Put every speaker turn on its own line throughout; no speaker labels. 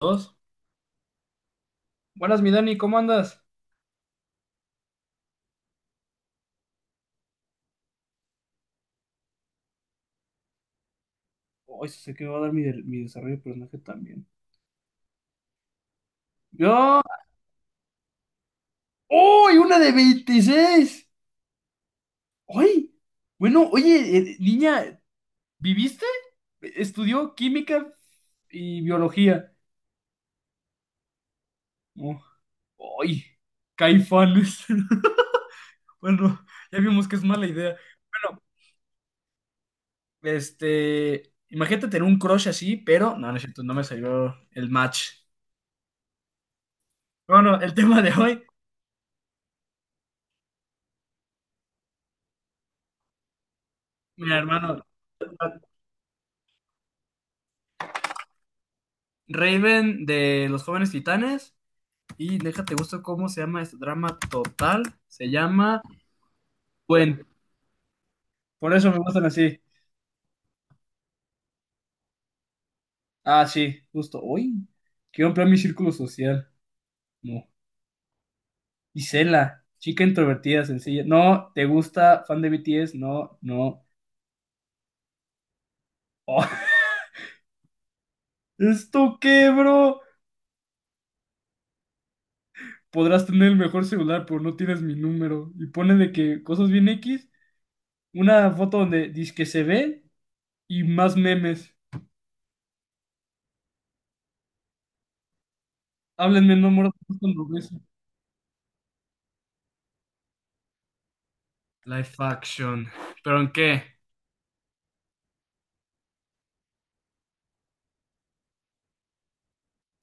Dos. Buenas, mi Dani, ¿cómo andas? Ay, sé que me va a dar mi desarrollo de personaje también. ¡Yo! ¡Uy! ¡Una de 26! ¡Ay! Bueno, oye, niña, ¿viviste? Estudió química y biología. Oh, ¡ay! Caifanes. Bueno, ya vimos que es mala idea. Bueno, imagínate tener un crush así, pero no, no es cierto, no me salió el match. Bueno, el tema de hoy, mira, hermano, Raven de Los Jóvenes Titanes. Y déjate gusto cómo se llama este drama total. Se llama Puente. Por eso me gustan así. Ah, sí, justo. Uy, quiero ampliar mi círculo social. No. Isela, chica introvertida, sencilla. No, ¿te gusta? ¿Fan de BTS? No, no. Oh, ¿esto qué, bro? Podrás tener el mejor celular, pero no tienes mi número. Y pone de que cosas bien X. Una foto donde dice que se ve y más memes. Háblenme, no muero cuando beso. Live action. ¿Pero en qué?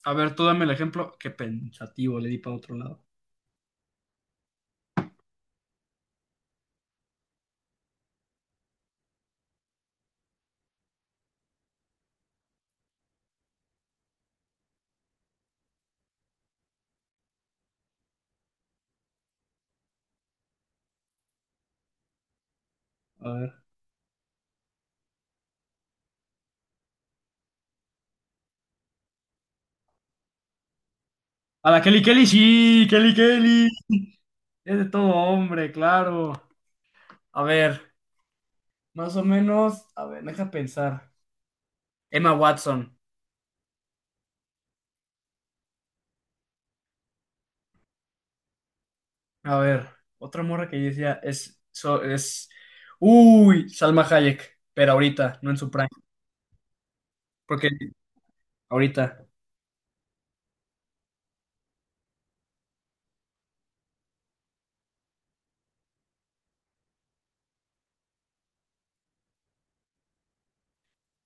A ver, tú dame el ejemplo. Qué pensativo, le di para otro lado. A ver. A la Kelly Kelly, sí, Kelly Kelly. Es de todo hombre, claro. A ver, más o menos. A ver, deja pensar. Emma Watson. A ver, otra morra que yo decía es, es... Uy, Salma Hayek. Pero ahorita, no en su prime. Porque ahorita.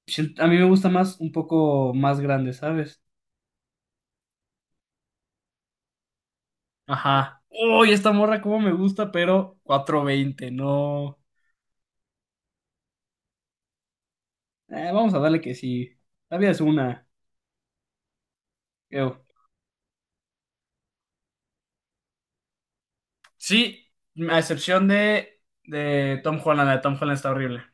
A mí me gusta más, un poco más grande, ¿sabes? Ajá. Uy, esta morra como me gusta, pero 420 no. Vamos a darle que sí. La vida es una, creo. Sí, a excepción de Tom Holland. La de Tom Holland está horrible.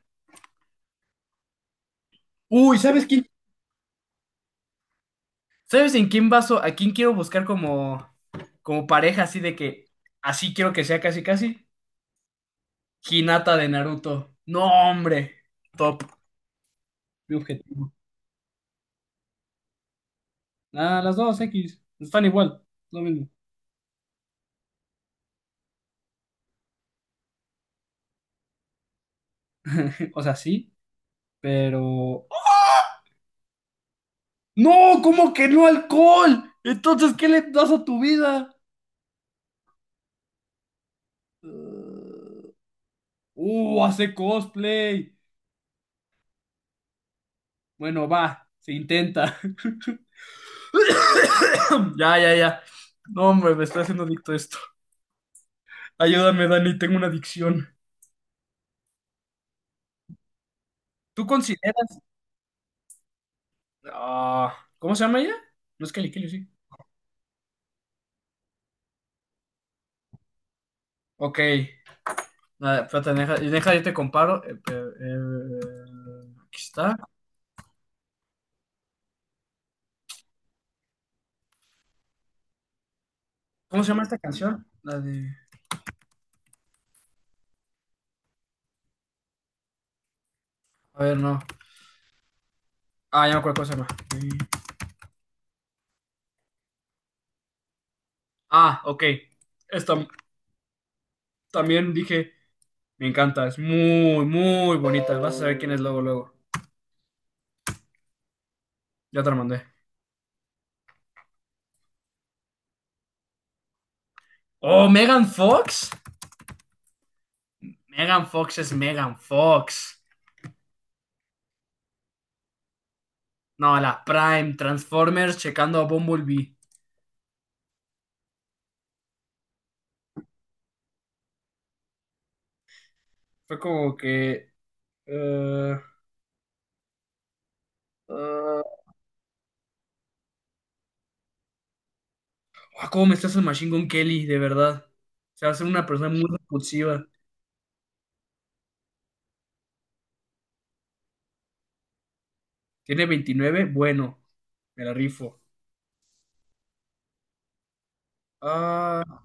Uy, ¿sabes quién? ¿Sabes en quién vaso? ¿A quién quiero buscar como pareja así de que así quiero que sea casi casi? Hinata de Naruto. No, hombre. Top. Mi objetivo. Ah, las dos X. Están igual. Lo mismo. O sea, sí, pero. No, ¿cómo que no alcohol? Entonces, ¿qué le das a tu vida? Hace cosplay. Bueno, va, se intenta. Ya, ya, ya. No, hombre, me estoy haciendo adicto a esto. Ayúdame, Dani, tengo una adicción. ¿Tú consideras? Ah, ¿cómo se llama ella? No es Kelly Kelly, sí. Ok. Nada, espérate, deja, deja, yo te comparo. Aquí está. ¿Cómo se llama esta canción? La de... A ver, no. Ah, ya me acuerdo cómo se llama. Sí. Ah, ok. Esta también dije, me encanta, es muy, muy bonita. Vas a saber quién es luego, luego. Ya te la mandé. Oh, Megan Fox. Megan Fox es Megan Fox. No, la Prime, Transformers checando a Bumblebee. Fue como que... eh, eh, ¿cómo me estás el Machine Gun Kelly? De verdad. Se hace una persona muy repulsiva. Tiene 29. Bueno, me la rifo. Ah,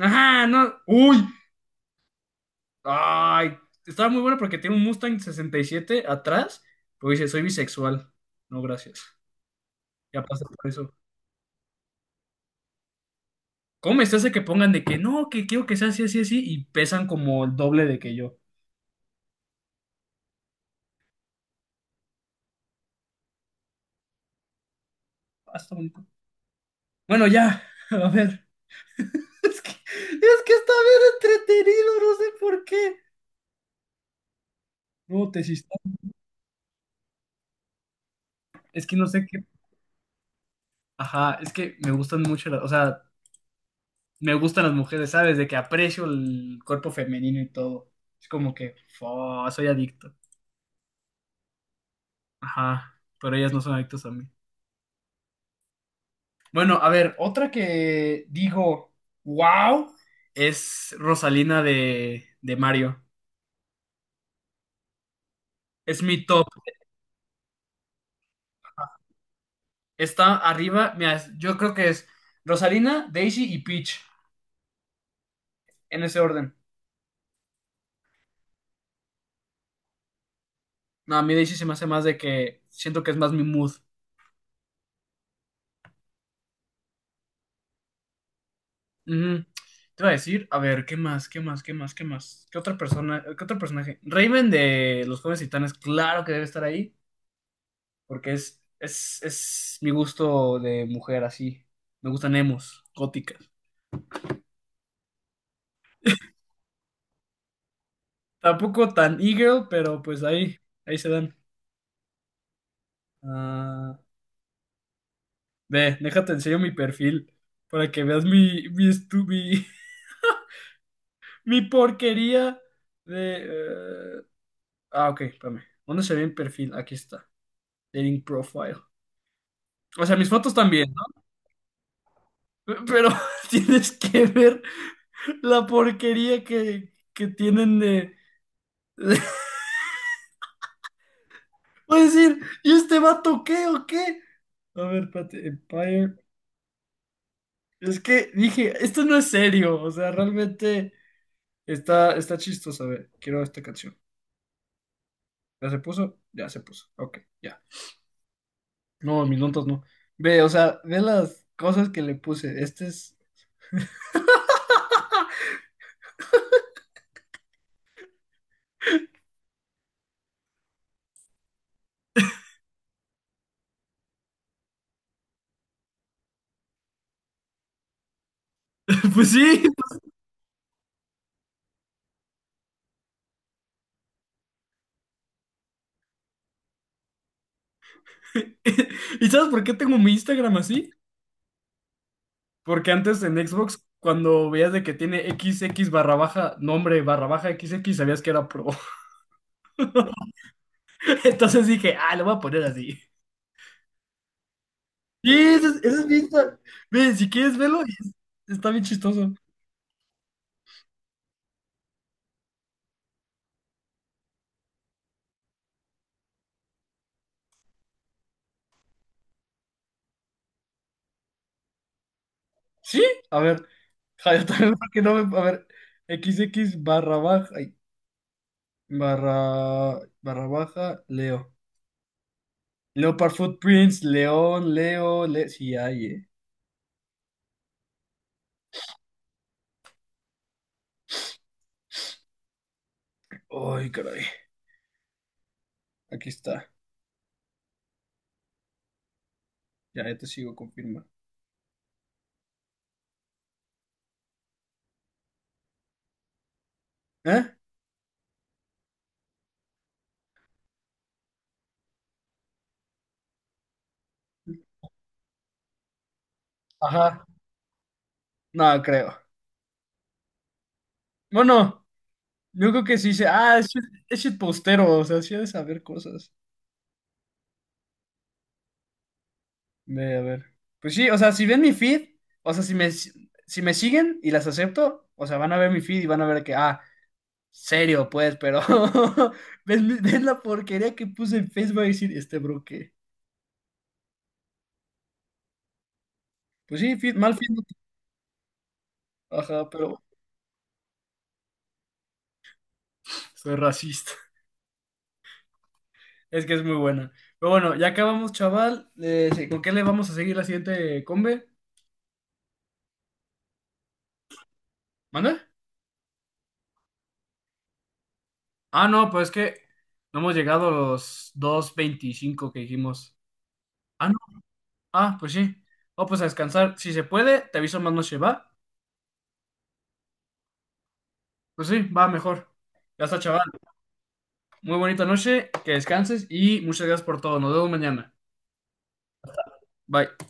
ajá, no. Uy, ay, estaba muy bueno porque tiene un Mustang 67 atrás, pero dice, soy bisexual. No, gracias. Ya pasa por eso. ¿Cómo me hace que pongan de que no, que quiero que sea así, así, así, y pesan como el doble de que yo? Ah, está bonito. Bueno, ya, a ver. Es que está bien entretenido, no sé por qué. No, te hiciste- Es que no sé qué. Ajá, es que me gustan mucho las, o sea, me gustan las mujeres, ¿sabes? De que aprecio el cuerpo femenino y todo. Es como que, fo, soy adicto. Ajá, pero ellas no son adictas a mí. Bueno, a ver, otra que digo, wow, es Rosalina de Mario. Es mi top. Está arriba, mira, yo creo que es Rosalina, Daisy y Peach, en ese orden. No, a mí Daisy se me hace más de que siento que es más mi mood. Ujú. Te iba a decir, a ver, ¿qué más? ¿Qué más? ¿Qué más? ¿Qué más? ¿Qué otra persona? ¿Qué otro personaje? Raven de Los Jóvenes Titanes, claro que debe estar ahí. Porque es mi gusto de mujer así. Me gustan emos, góticas. Tampoco tan e-girl, pero pues ahí se dan. Ah, ve, déjate enseño mi perfil para que veas mi, mi porquería de... eh, ah, ok, espérame. ¿Dónde se ve mi perfil? Aquí está. Dating profile. O sea, mis fotos también, ¿no? Pero tienes que ver la porquería que tienen de... Puedes decir, ¿y este vato qué o qué? A ver, espérate, Empire. Es que dije, esto no es serio. O sea, realmente está chistoso. A ver, quiero esta canción. ¿Ya se puso? Ya se puso. Ok, ya. No, mis notas no. Ve, o sea, ve las cosas que le puse. Este es. Pues sí. ¿Y sabes por qué tengo mi Instagram así? Porque antes en Xbox, cuando veías de que tiene XX barra baja, nombre barra baja XX, sabías que era pro. Entonces dije, ah, lo voy a poner así. Sí, ese es bien sa- Ve, si quieres verlo, está bien chistoso. ¿Sí? A ver, ja, yo también porque no me... A ver, XX barra baja... ay, barra... barra baja, Leo. Leopard Footprints, León, Leo, Le... Sí, hay, Ay, caray. Aquí está. Ya te sigo, confirma. ¿Eh? Ajá. No, creo. Bueno, yo creo que sí. Es postero, o sea, sí ha de saber cosas. Ve, a ver. Pues sí, o sea, si ven mi feed, o sea, si me siguen y las acepto, o sea, van a ver mi feed y van a ver que, ah, serio, pues, pero ves, ves la porquería que puse en Facebook a decir, este bro, ¿qué? Pues sí, mal feed. No te- Ajá, pero bueno, soy racista. Es que es muy buena. Pero bueno, ya acabamos, chaval. Sí, ¿con qué le vamos a seguir la siguiente combe? ¿Manda? Ah, no, pues es que no hemos llegado a los 2:25 que dijimos. Ah, Ah, pues sí. Oh, pues a descansar. Si se puede, te aviso más noche, ¿va? Pues sí, va mejor. Ya está, chaval. Muy bonita noche, que descanses y muchas gracias por todo. Nos vemos mañana. Bye.